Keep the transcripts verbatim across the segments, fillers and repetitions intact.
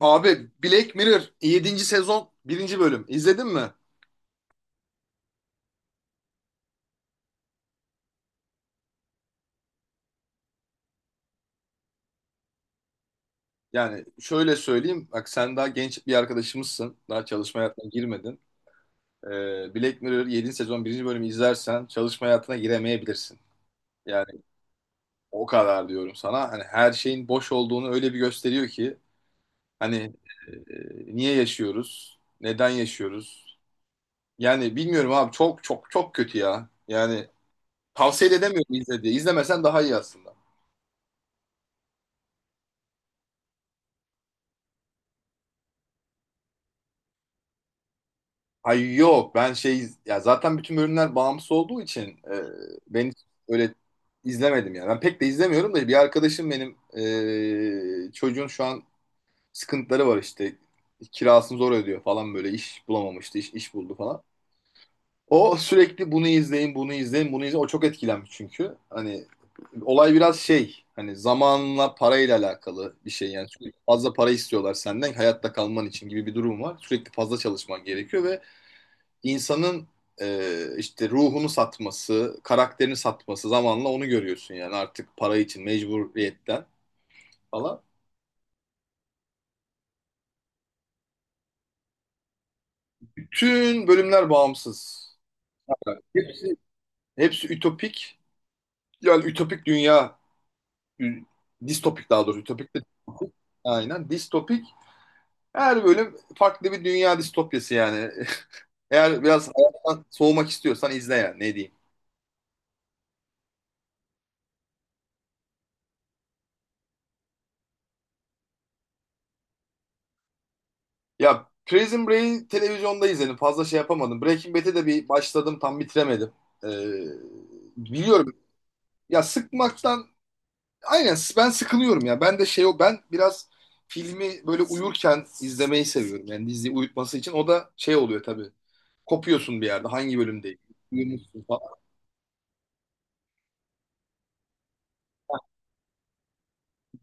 Abi Black Mirror yedinci sezon birinci bölüm izledin mi? Yani şöyle söyleyeyim bak sen daha genç bir arkadaşımızsın. Daha çalışma hayatına girmedin. Ee, Black Mirror yedinci sezon birinci bölümü izlersen çalışma hayatına giremeyebilirsin. Yani o kadar diyorum sana. Hani her şeyin boş olduğunu öyle bir gösteriyor ki hani e, niye yaşıyoruz? Neden yaşıyoruz? Yani bilmiyorum abi çok çok çok kötü ya. Yani tavsiye de edemiyorum izle diye. İzlemesen daha iyi aslında. Ay yok, ben şey ya, zaten bütün bölümler bağımsız olduğu için e, ben hiç öyle izlemedim yani. Ben pek de izlemiyorum da, bir arkadaşım benim e, çocuğun şu an sıkıntıları var, işte kirasını zor ödüyor falan, böyle iş bulamamıştı, iş, iş buldu falan. O sürekli bunu izleyin bunu izleyin bunu izleyin, o çok etkilenmiş çünkü hani olay biraz şey, hani zamanla parayla alakalı bir şey yani, sürekli fazla para istiyorlar senden hayatta kalman için gibi bir durum var, sürekli fazla çalışman gerekiyor ve insanın e, işte ruhunu satması, karakterini satması, zamanla onu görüyorsun yani, artık para için mecburiyetten falan. Bütün bölümler bağımsız. Hepsi, hepsi ütopik. Yani ütopik dünya, distopik daha doğrusu. Ütopik de distopik. Aynen. Distopik. Her bölüm farklı bir dünya distopyası yani. Eğer biraz hayattan soğumak istiyorsan izle yani, ne diyeyim. Ya Prison Break'i televizyonda izledim. Fazla şey yapamadım. Breaking Bad'e de bir başladım. Tam bitiremedim. Ee, biliyorum. Ya sıkmaktan aynen, s- ben sıkılıyorum ya. Ben de şey, o ben biraz filmi böyle uyurken izlemeyi seviyorum. Yani diziyi uyutması için. O da şey oluyor tabii. Kopuyorsun bir yerde. Hangi bölümdeyim? Uyumuşsun falan.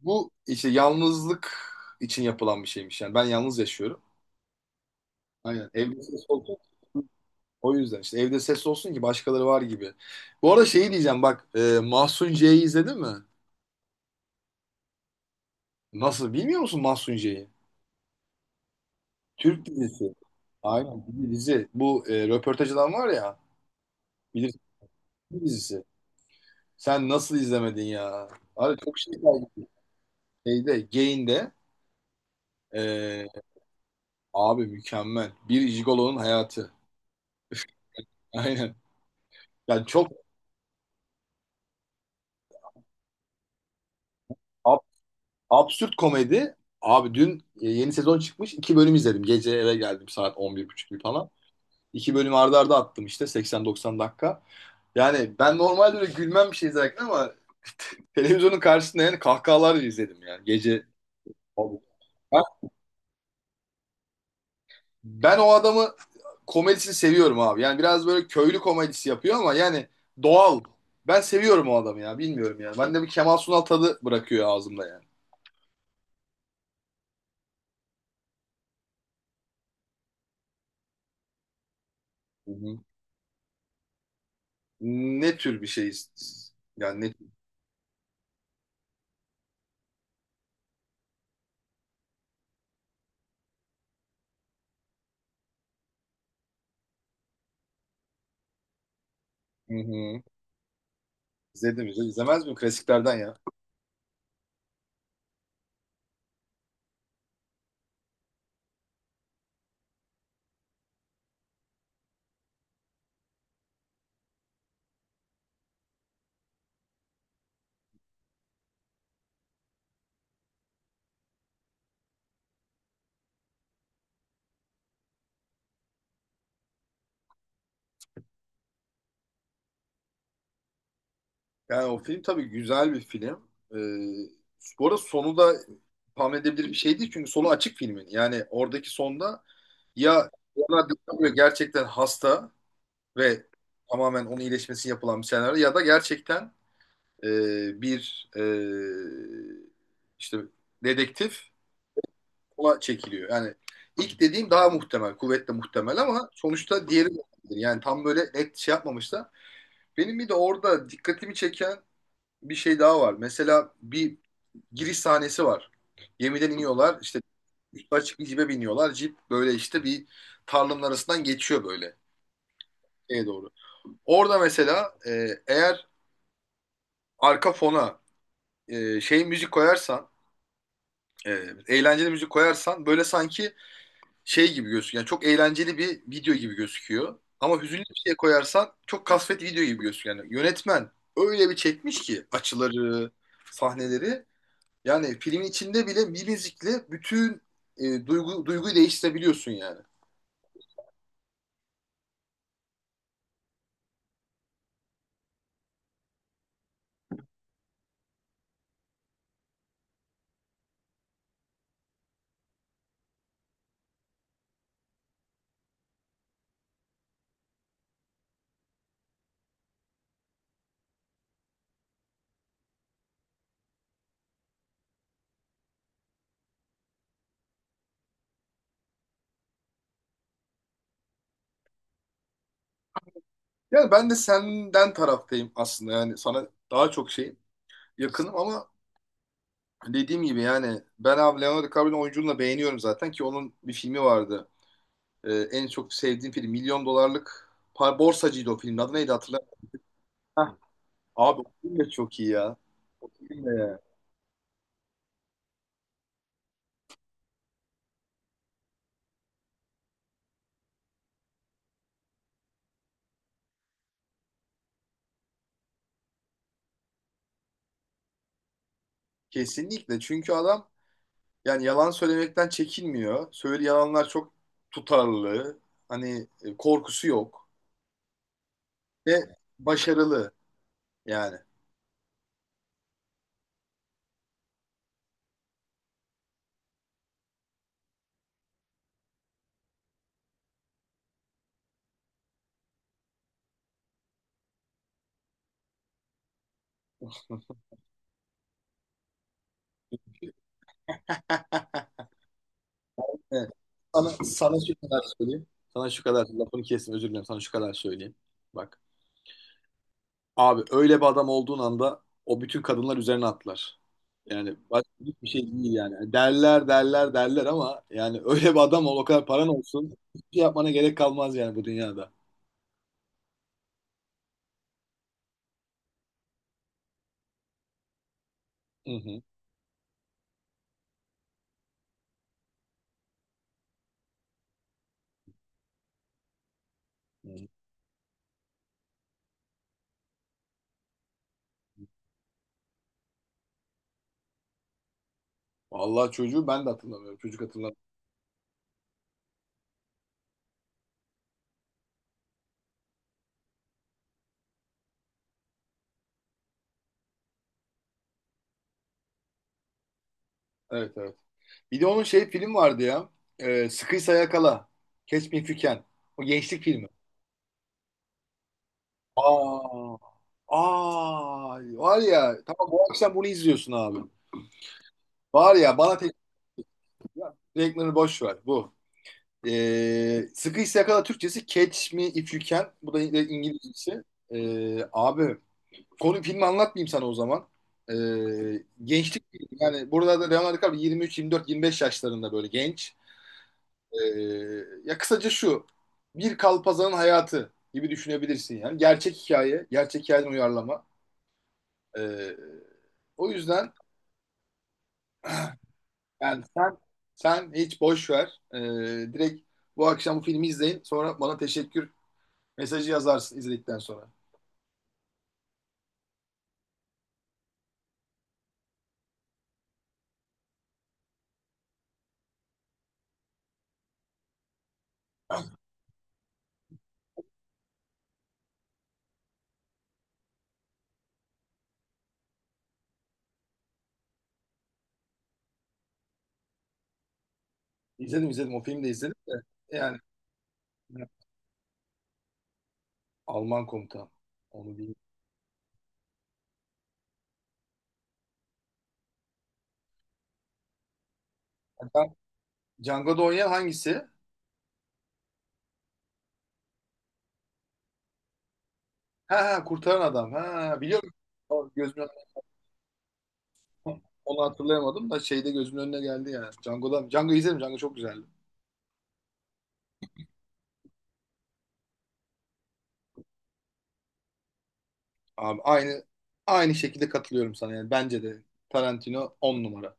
Bu işte yalnızlık için yapılan bir şeymiş. Yani ben yalnız yaşıyorum. Aynen. Evde O yüzden işte evde ses olsun ki başkaları var gibi. Bu arada şeyi diyeceğim bak, e, Mahsun C'yi izledin mi? Nasıl bilmiyor musun Mahsun C'yi? Türk dizisi. Aynen, bir dizi. Bu e, röportaj adam var ya, bilirsin, bir dizisi. Sen nasıl izlemedin ya? Abi çok şey kaybettin. Şeyde, Gain'de. e, Abi mükemmel. Bir jigolonun hayatı. Aynen. Yani çok ab- absürt komedi. Abi dün e, yeni sezon çıkmış. İki bölüm izledim. Gece eve geldim saat on bir buçuk gibi falan. İki bölüm arda arda attım işte, seksen doksan dakika. Yani ben normalde öyle gülmem bir şey izlerken ama televizyonun karşısında yani kahkahalarla izledim yani, gece. Abi. Ben, ben o adamı, komedisini seviyorum abi. Yani biraz böyle köylü komedisi yapıyor ama yani doğal. Ben seviyorum o adamı ya, bilmiyorum yani. Bende bir Kemal Sunal tadı bırakıyor ağzımda yani. Hı hı. Ne tür bir şey iz- yani ne. Hı hı. İzledim izledim. İzlemez miyim klasiklerden ya? Yani o film tabii güzel bir film. Ee, bu arada sonu da tahmin edebilir bir şey değil çünkü sonu açık filmin. Yani oradaki sonda, ya ona DiCaprio gerçekten hasta ve tamamen onun iyileşmesi yapılan bir senaryo, ya da gerçekten e, bir e, işte dedektif ona çekiliyor. Yani ilk dediğim daha muhtemel, kuvvetle muhtemel, ama sonuçta diğeri de olabilir. Yani tam böyle net şey yapmamışlar. Benim bir de orada dikkatimi çeken bir şey daha var. Mesela bir giriş sahnesi var. Gemiden iniyorlar. İşte üstü açık bir cipe biniyorlar. Cip böyle işte bir tarlanın arasından geçiyor, böyle şeye doğru. Orada mesela, e, eğer arka fona e, şey müzik koyarsan, e, eğlenceli müzik koyarsan, böyle sanki şey gibi gözüküyor. Yani çok eğlenceli bir video gibi gözüküyor. Ama hüzünlü bir şey koyarsan çok kasvet video gibi gözüküyor. Yani yönetmen öyle bir çekmiş ki açıları, sahneleri. Yani filmin içinde bile bir müzikle bütün e, duygu duyguyu değiştirebiliyorsun yani. Yani ben de senden taraftayım aslında, yani sana daha çok şey yakınım, ama dediğim gibi yani, ben abi Leonardo DiCaprio'nun oyunculuğunu da beğeniyorum zaten, ki onun bir filmi vardı. E, en çok sevdiğim film Milyon Dolarlık Par, Borsacıydı, o filmin adı neydi hatırlamıyorum. Heh. Abi o film de çok iyi ya. O film de ya. Kesinlikle çünkü adam, yani yalan söylemekten çekinmiyor. Söylediği yalanlar çok tutarlı. Hani e, korkusu yok. Ve başarılı yani. Evet. Sana, sana şu kadar söyleyeyim. Sana şu kadar, lafını kesin, özür dilerim. Sana şu kadar söyleyeyim. Bak. Abi öyle bir adam olduğun anda o bütün kadınlar üzerine atlar. Yani başka hiçbir şey değil yani. Yani derler derler derler ama yani, öyle bir adam ol, o kadar paran olsun. Hiçbir şey yapmana gerek kalmaz yani bu dünyada. Hı hı. Hı hı. Vallahi çocuğu ben de hatırlamıyorum. Çocuk hatırlamıyorum. Evet evet. Bir de onun şey film vardı ya. E, Sıkıysa Yakala. Catch Me If You Can. O gençlik filmi. Aa. Aa. Var ya. Tamam, bu akşam bunu izliyorsun abi. Var ya, bana tek... Ya, renklerini boş ver. Bu. E, Sıkıysa Yakala Türkçesi, Catch Me If You Can. Bu da İng- İngilizcesi. E, abi. Konu, filmi anlatmayayım sana o zaman. E, gençlik yani, burada da Leonardo DiCaprio yirmi üç, yirmi dört, yirmi beş yaşlarında, böyle genç. Ee, ya kısaca şu. Bir kalpazanın hayatı gibi düşünebilirsin yani. Gerçek hikaye, gerçek hikayeden uyarlama. Ee, o yüzden yani, sen sen hiç boş ver. Ee, direkt bu akşam bu filmi izleyin. Sonra bana teşekkür mesajı yazarsın izledikten sonra. İzledim izledim. O filmi de izledim de. Yani Alman komutan. Onu bilmiyorum. Ben Django'da oynayan hangisi? Ha ha, kurtaran adam. Ha, biliyorum. Gözüm Onu hatırlayamadım da şeyde gözümün önüne geldi yani. Django'da Django izledim. Django çok güzeldi. Abi aynı aynı şekilde katılıyorum sana yani. Bence de Tarantino on numara.